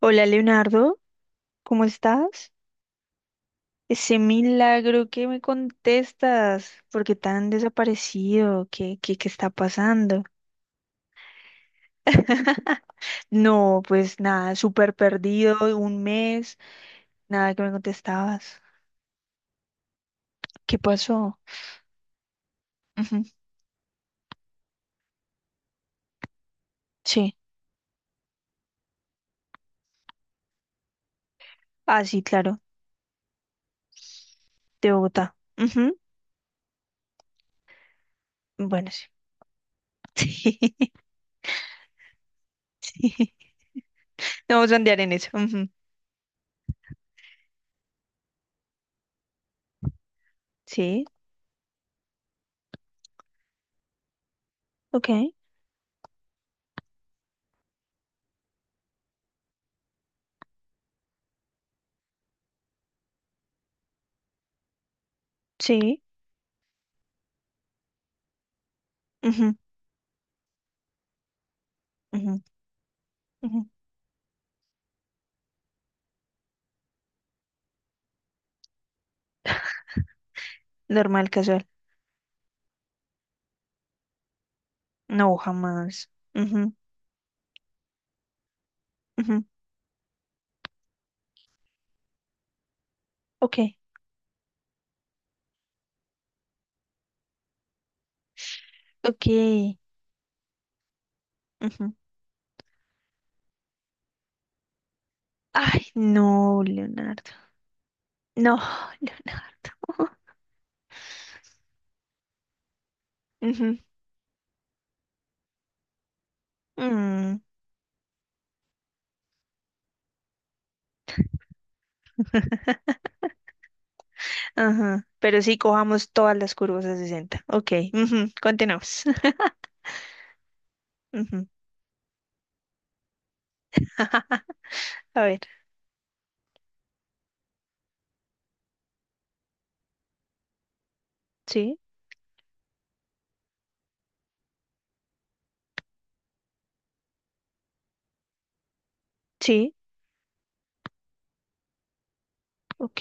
Hola Leonardo, ¿cómo estás? Ese milagro que me contestas, ¿por qué tan desaparecido? ¿Qué está pasando? No, pues nada, súper perdido, un mes, nada que me contestabas. ¿Qué pasó? Ujú. Sí, ah, sí, claro, de Bogotá. Ujú. Bueno, sí. Sí, no vamos a andar en eso. Ujú. Sí, ok, sí, ujú, ujú, ujú. Normal, casual. No, jamás. Ujú, ujú. Ok. Ok. Ujú. Ay, no, Leonardo. No, Leonardo. Ujú. Mm. Ajá. Pero sí, cojamos todas las curvas a 60. Ok, ujú, continuamos. Ujú. A ver, sí, sí, ok.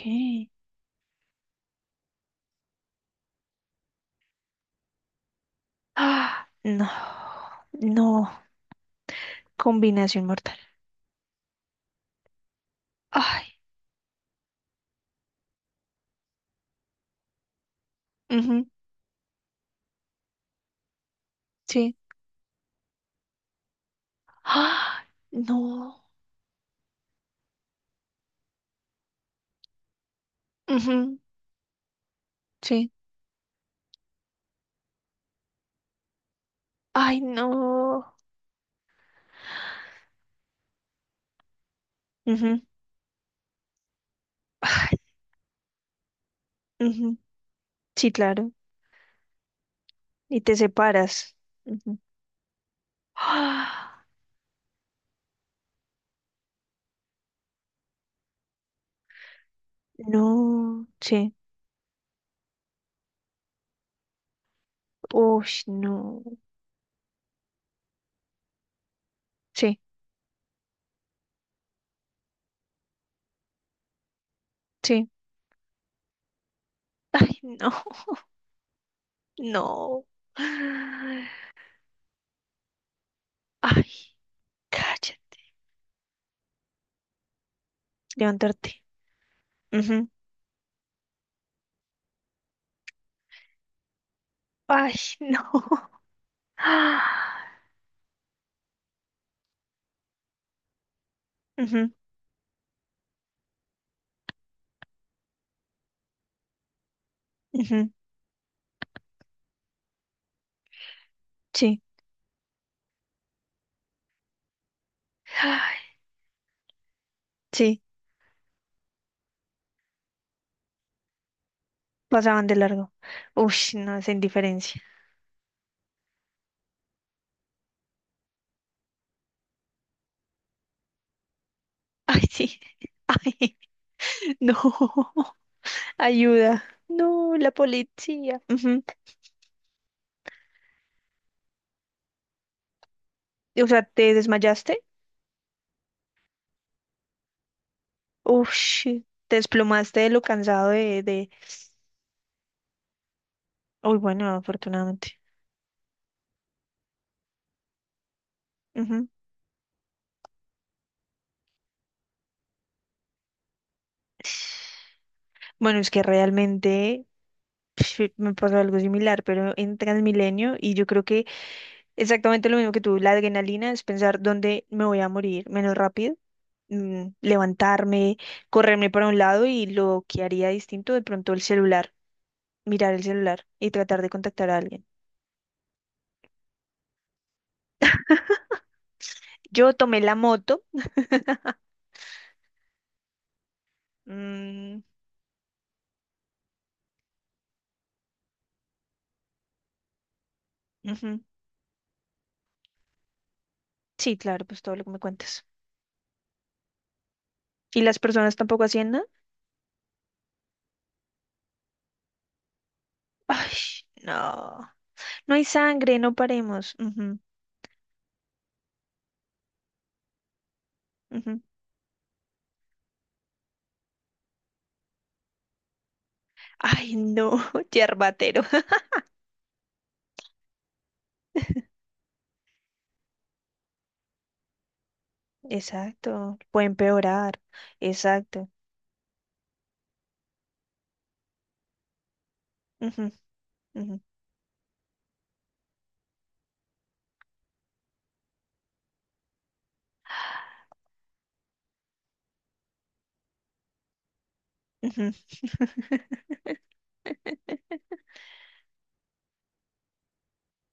Ah, no, no, combinación mortal. Ay, ujú, sí. Ah, no, ujú, sí. Ay, no. Ujú. Ay, ujú. Sí, claro. Y te separas. Ujú. ¡Ah! No, sí. Uy, no. Sí, sí. Ay, no, no. Ay, cállate. Levantarte. Ujú. Ay, no. Ah. Ujú, ujú, sí. Ay, sí, pasaban de largo. Uy, no, es indiferencia. Ay, sí. Ay, no. Ayuda. No, la policía. Ujú. O sea, ¿te desmayaste? Uf, shi, te desplomaste de lo cansado de. Uy, bueno, afortunadamente. Ujú. Bueno, es que realmente pf, me pasó algo similar, pero en Transmilenio, y yo creo que exactamente lo mismo que tú, la adrenalina es pensar dónde me voy a morir menos rápido, levantarme, correrme para un lado y lo que haría distinto, de pronto el celular, mirar el celular y tratar de contactar a alguien. Yo tomé la moto. Mm, ujú. Sí, claro, pues todo lo que me cuentas. Y las personas tampoco hacían nada. Ay, no. No hay sangre, no paremos. Ujú, ujú. Ay, no, yerbatero. Exacto, puede empeorar. Exacto. Ujú, ujú, ujú.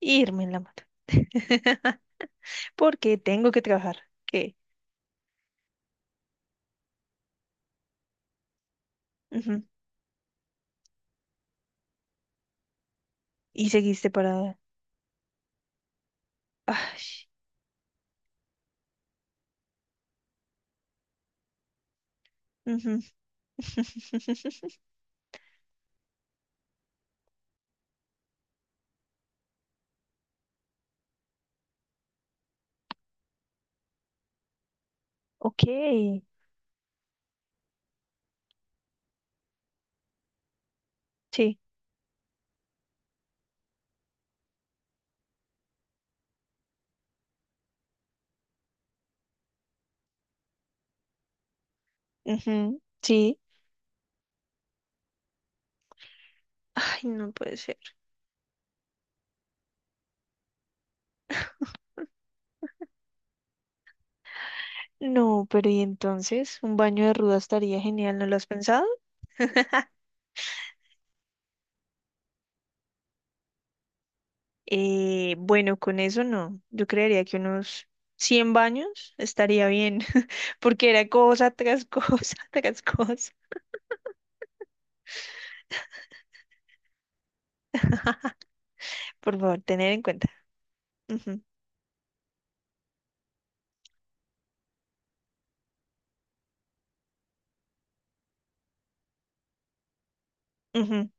Irme en la moto. Porque tengo que trabajar. ¿Qué? Ujú. Y seguiste para. Ay, ujú. Ok, sí. Ujú, sí. Ay, no puede ser. No, pero y entonces, un baño de ruda estaría genial, ¿no lo has pensado? Bueno, con eso no. Yo creería que unos 100 baños estaría bien, porque era cosa tras cosa tras cosa. Por favor, tener en cuenta. Ujú, ujú.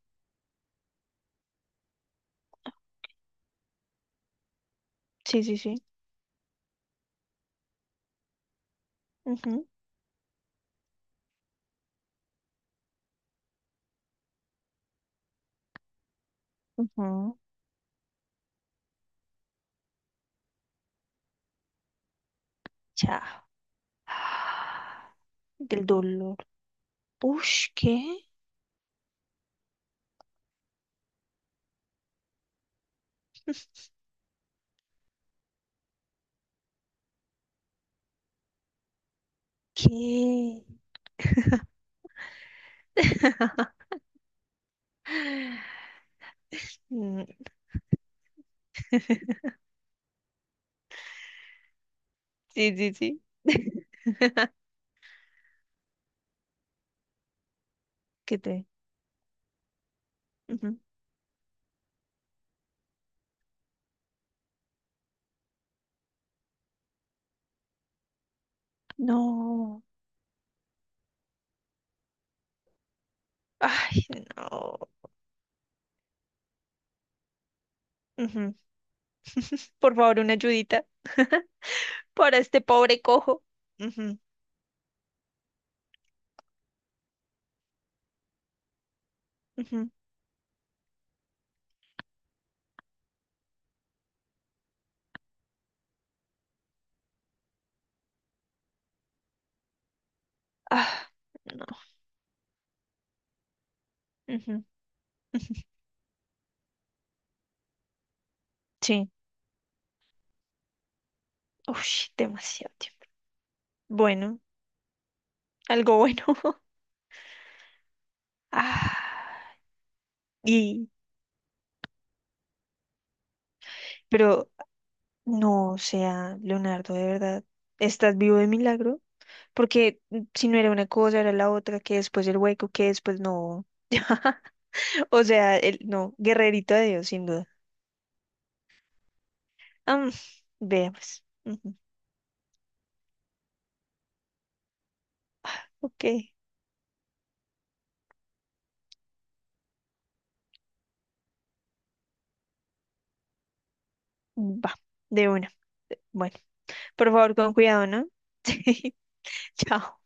Sí, sí, sí. Ujú, ujú. Chao. Del dolor. Ush, ¿qué? ¿Qué? Mm. Sí, sí, sí. ¿Qué te? No. Ay, no. Ujú. Por favor, una ayudita para este pobre cojo. Ujú, ujú. Ah, no. Ujú. Sí. Uy, demasiado tiempo. Bueno, algo bueno. Ah, y, pero no, o sea, Leonardo, de verdad, ¿estás vivo de milagro? Porque si no era una cosa, era la otra, que después el hueco, que después no. O sea, no, guerrerito de Dios, sin duda. Am, Vea pues. Ujú, ok, va, de una. Bueno, por favor, con cuidado, ¿no? Sí. Chao.